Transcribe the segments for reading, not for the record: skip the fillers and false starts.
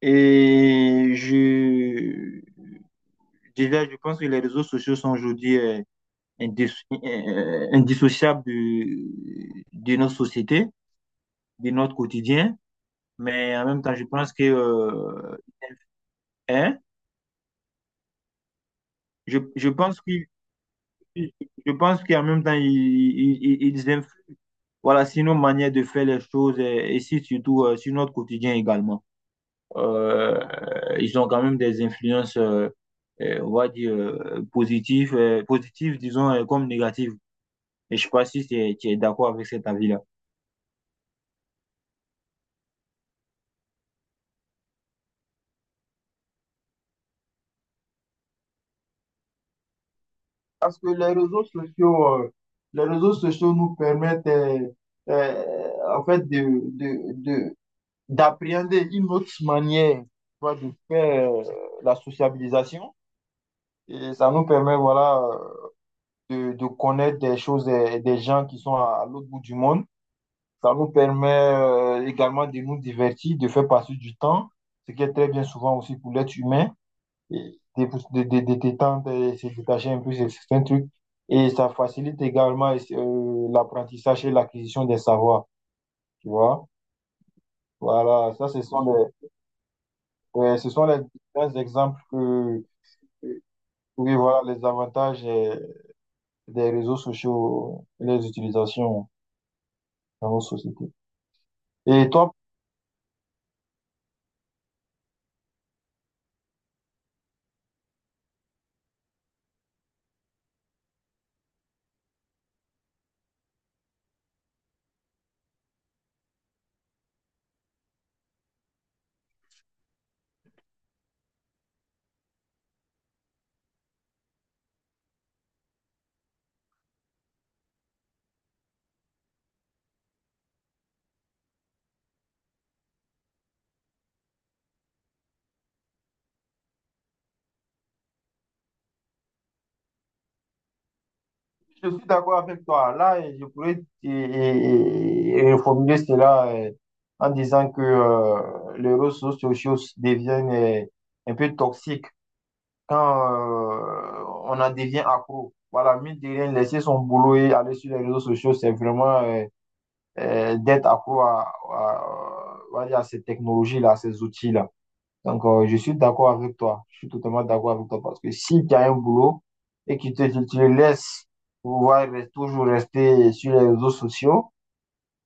Et je, déjà, je pense que les réseaux sociaux sont aujourd'hui indissociables de notre société, de notre quotidien. Mais en même temps, hein, je pense que, je pense qu'en même temps, ils influent, voilà, sur nos manières de faire les choses et si, surtout sur notre quotidien également. Euh, Ils ont quand même des influences, on va dire, positives, disons, comme négatives. Et je ne sais pas si tu es d'accord avec cet avis-là. Parce que les réseaux sociaux nous permettent euh, en fait de, d'appréhender une autre manière, voilà, de faire la sociabilisation. Et ça nous permet, voilà, de connaître des choses et des gens qui sont à l'autre bout du monde. Ça nous permet également de nous divertir, de faire passer du temps, ce qui est très bien souvent aussi pour l'être humain, et de détendre et se détacher un peu de certains trucs. Et ça facilite également l'apprentissage et l'acquisition des savoirs, tu vois. Voilà, ça, ce sont les, ouais, ce sont les différents exemples que… Oui, voilà les avantages des réseaux sociaux et les utilisations dans nos sociétés. Et toi, je suis d'accord avec toi. Là, et je pourrais et reformuler cela en disant que les réseaux sociaux deviennent un peu toxiques quand on en devient accro. Voilà, mine de rien, laisser son boulot et aller sur les réseaux sociaux, c'est vraiment d'être accro à, on va dire à ces technologies-là, à ces outils-là. Donc, je suis d'accord avec toi. Je suis totalement d'accord avec toi parce que si tu as un boulot et que tu le laisses pouvoir toujours rester sur les réseaux sociaux,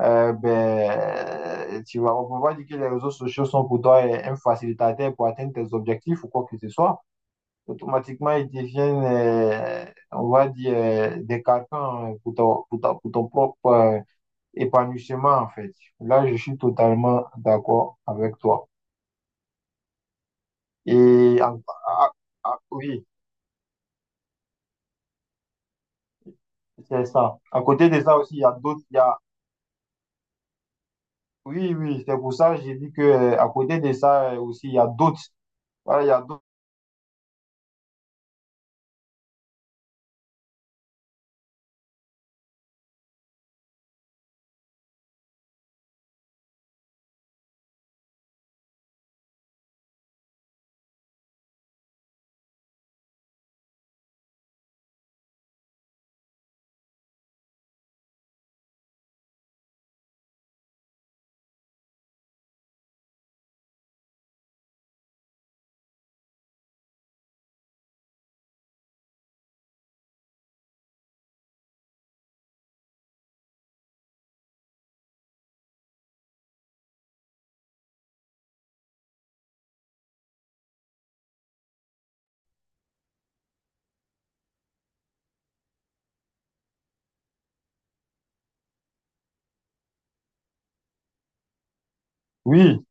ben, tu vas, on peut pas dire que les réseaux sociaux sont pour toi un facilitateur pour atteindre tes objectifs ou quoi que ce soit. Automatiquement, ils deviennent, on va dire, des carcans pour pour ton propre épanouissement, en fait. Là, je suis totalement d'accord avec toi. Et en- ah, ah, oui. C'est ça. À côté de ça aussi, il y a d'autres. Il y a… Oui, oui, c'est pour ça que j'ai dit que à côté de ça aussi, il y a d'autres. Voilà, il y a d'autres. Oui,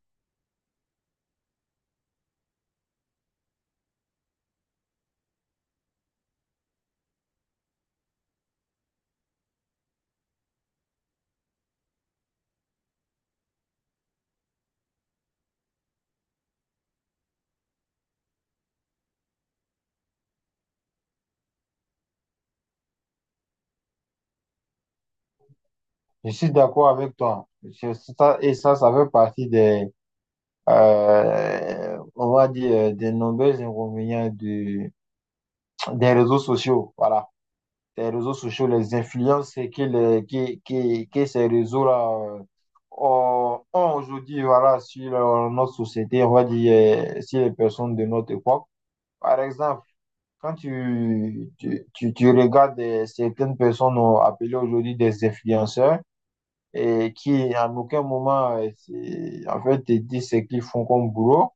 je suis d'accord avec toi. Et ça, ça fait partie des, on va dire, des nombreux inconvénients des réseaux sociaux. Voilà. Des réseaux sociaux, les influences que, les, que ces réseaux-là euh, ont ont aujourd'hui, voilà, sur notre société, on va dire, sur les personnes de notre époque. Par exemple, quand tu regardes certaines personnes appelées aujourd'hui des influenceurs et qui à aucun moment en fait te disent ce qu'ils font comme boulot,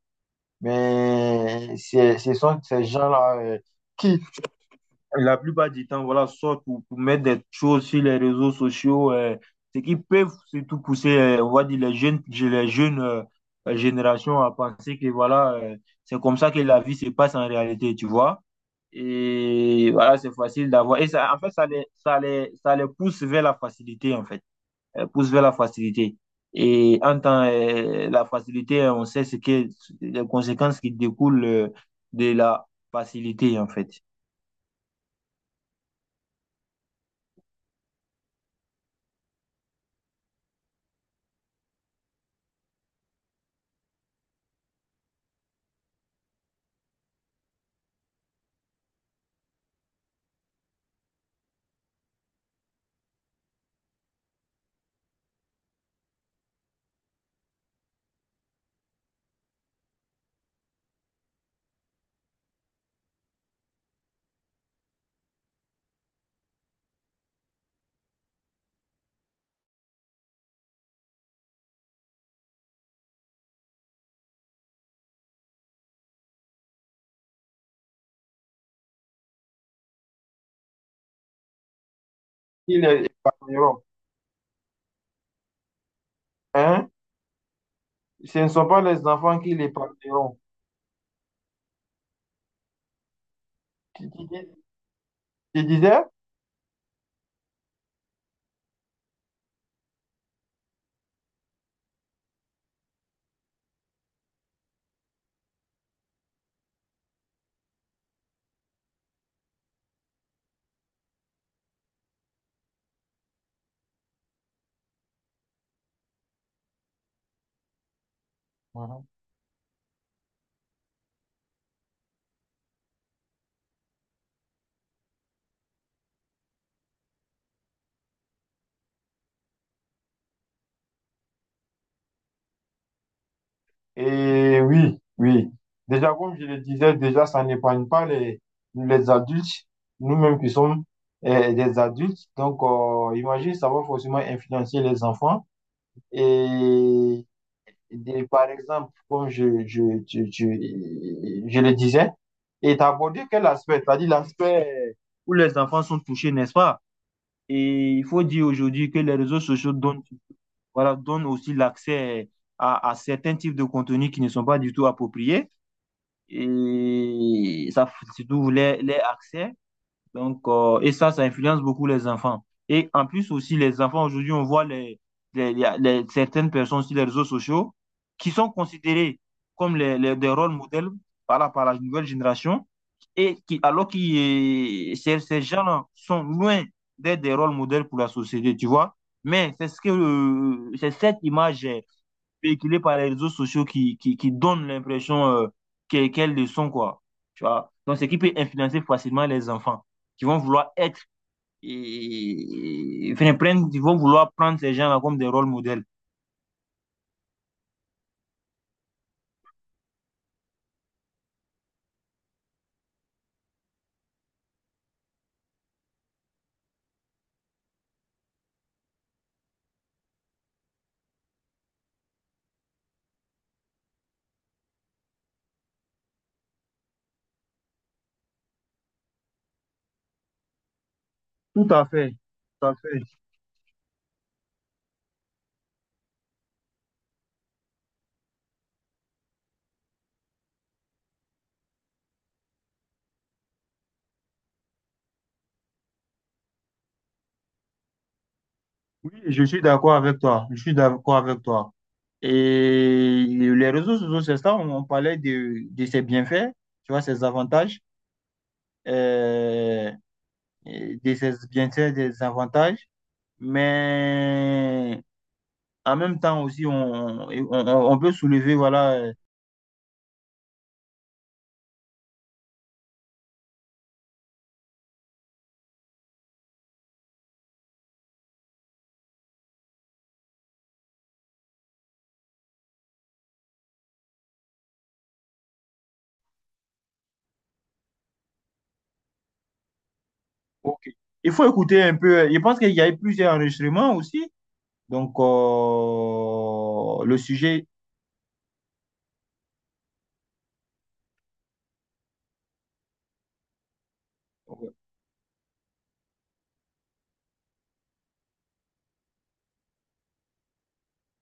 mais ce sont ces gens-là qui la plupart du temps, voilà, sortent pour mettre des choses sur les réseaux sociaux, ce qui peut surtout pousser, on va dire, les jeunes générations à penser que voilà, c'est comme ça que la vie se passe en réalité, tu vois. Et voilà, c'est facile d'avoir. Et ça, en fait, ça les pousse vers la facilité, en fait. Pousse vers la facilité. Et en tant la facilité, on sait ce que les conséquences qui découlent de la facilité, en fait. Il est… Hein? Ce ne sont pas les enfants qui les parleront. Tu, tu dis- tu disais? Mhm. Et oui, oui. Déjà, comme je le disais, déjà, ça n'épargne pas les adultes, nous-mêmes qui sommes des adultes. Donc, imagine, ça va forcément influencer les enfants. Et des… par exemple, comme je, je, je le disais, et t'as abordé quel aspect? T'as dit l'aspect où les enfants sont touchés, n'est-ce pas? Et il faut dire aujourd'hui que les réseaux sociaux donnent, voilà, donne aussi l'accès à certains types de contenus qui ne sont pas du tout appropriés. Et ça, surtout les accès donc, et ça influence beaucoup les enfants. Et en plus aussi, les enfants, aujourd'hui, on voit certaines personnes sur les réseaux sociaux qui sont considérées comme des rôles modèles par par la nouvelle génération, et qui, alors que ces gens-là sont loin d'être des rôles modèles pour la société, tu vois. Mais c'est cette image véhiculée par les réseaux sociaux qui donne l'impression qu'elles le sont, quoi. Tu vois? Donc, ce qui peut influencer facilement les enfants qui vont vouloir être, enfin, ils vont vouloir prendre ces gens-là comme des rôles modèles. Tout à fait, tout à fait. Oui, je suis d'accord avec toi. Je suis d'accord avec toi. Et les réseaux sociaux, c'est ça, on parlait de ses bienfaits, tu vois, ses avantages, euh, et de ses bienfaits, des avantages. Mais en même temps aussi, on, on peut soulever, voilà. Ok. Il faut écouter un peu. Je pense qu'il y a eu plusieurs enregistrements aussi. Donc, le sujet.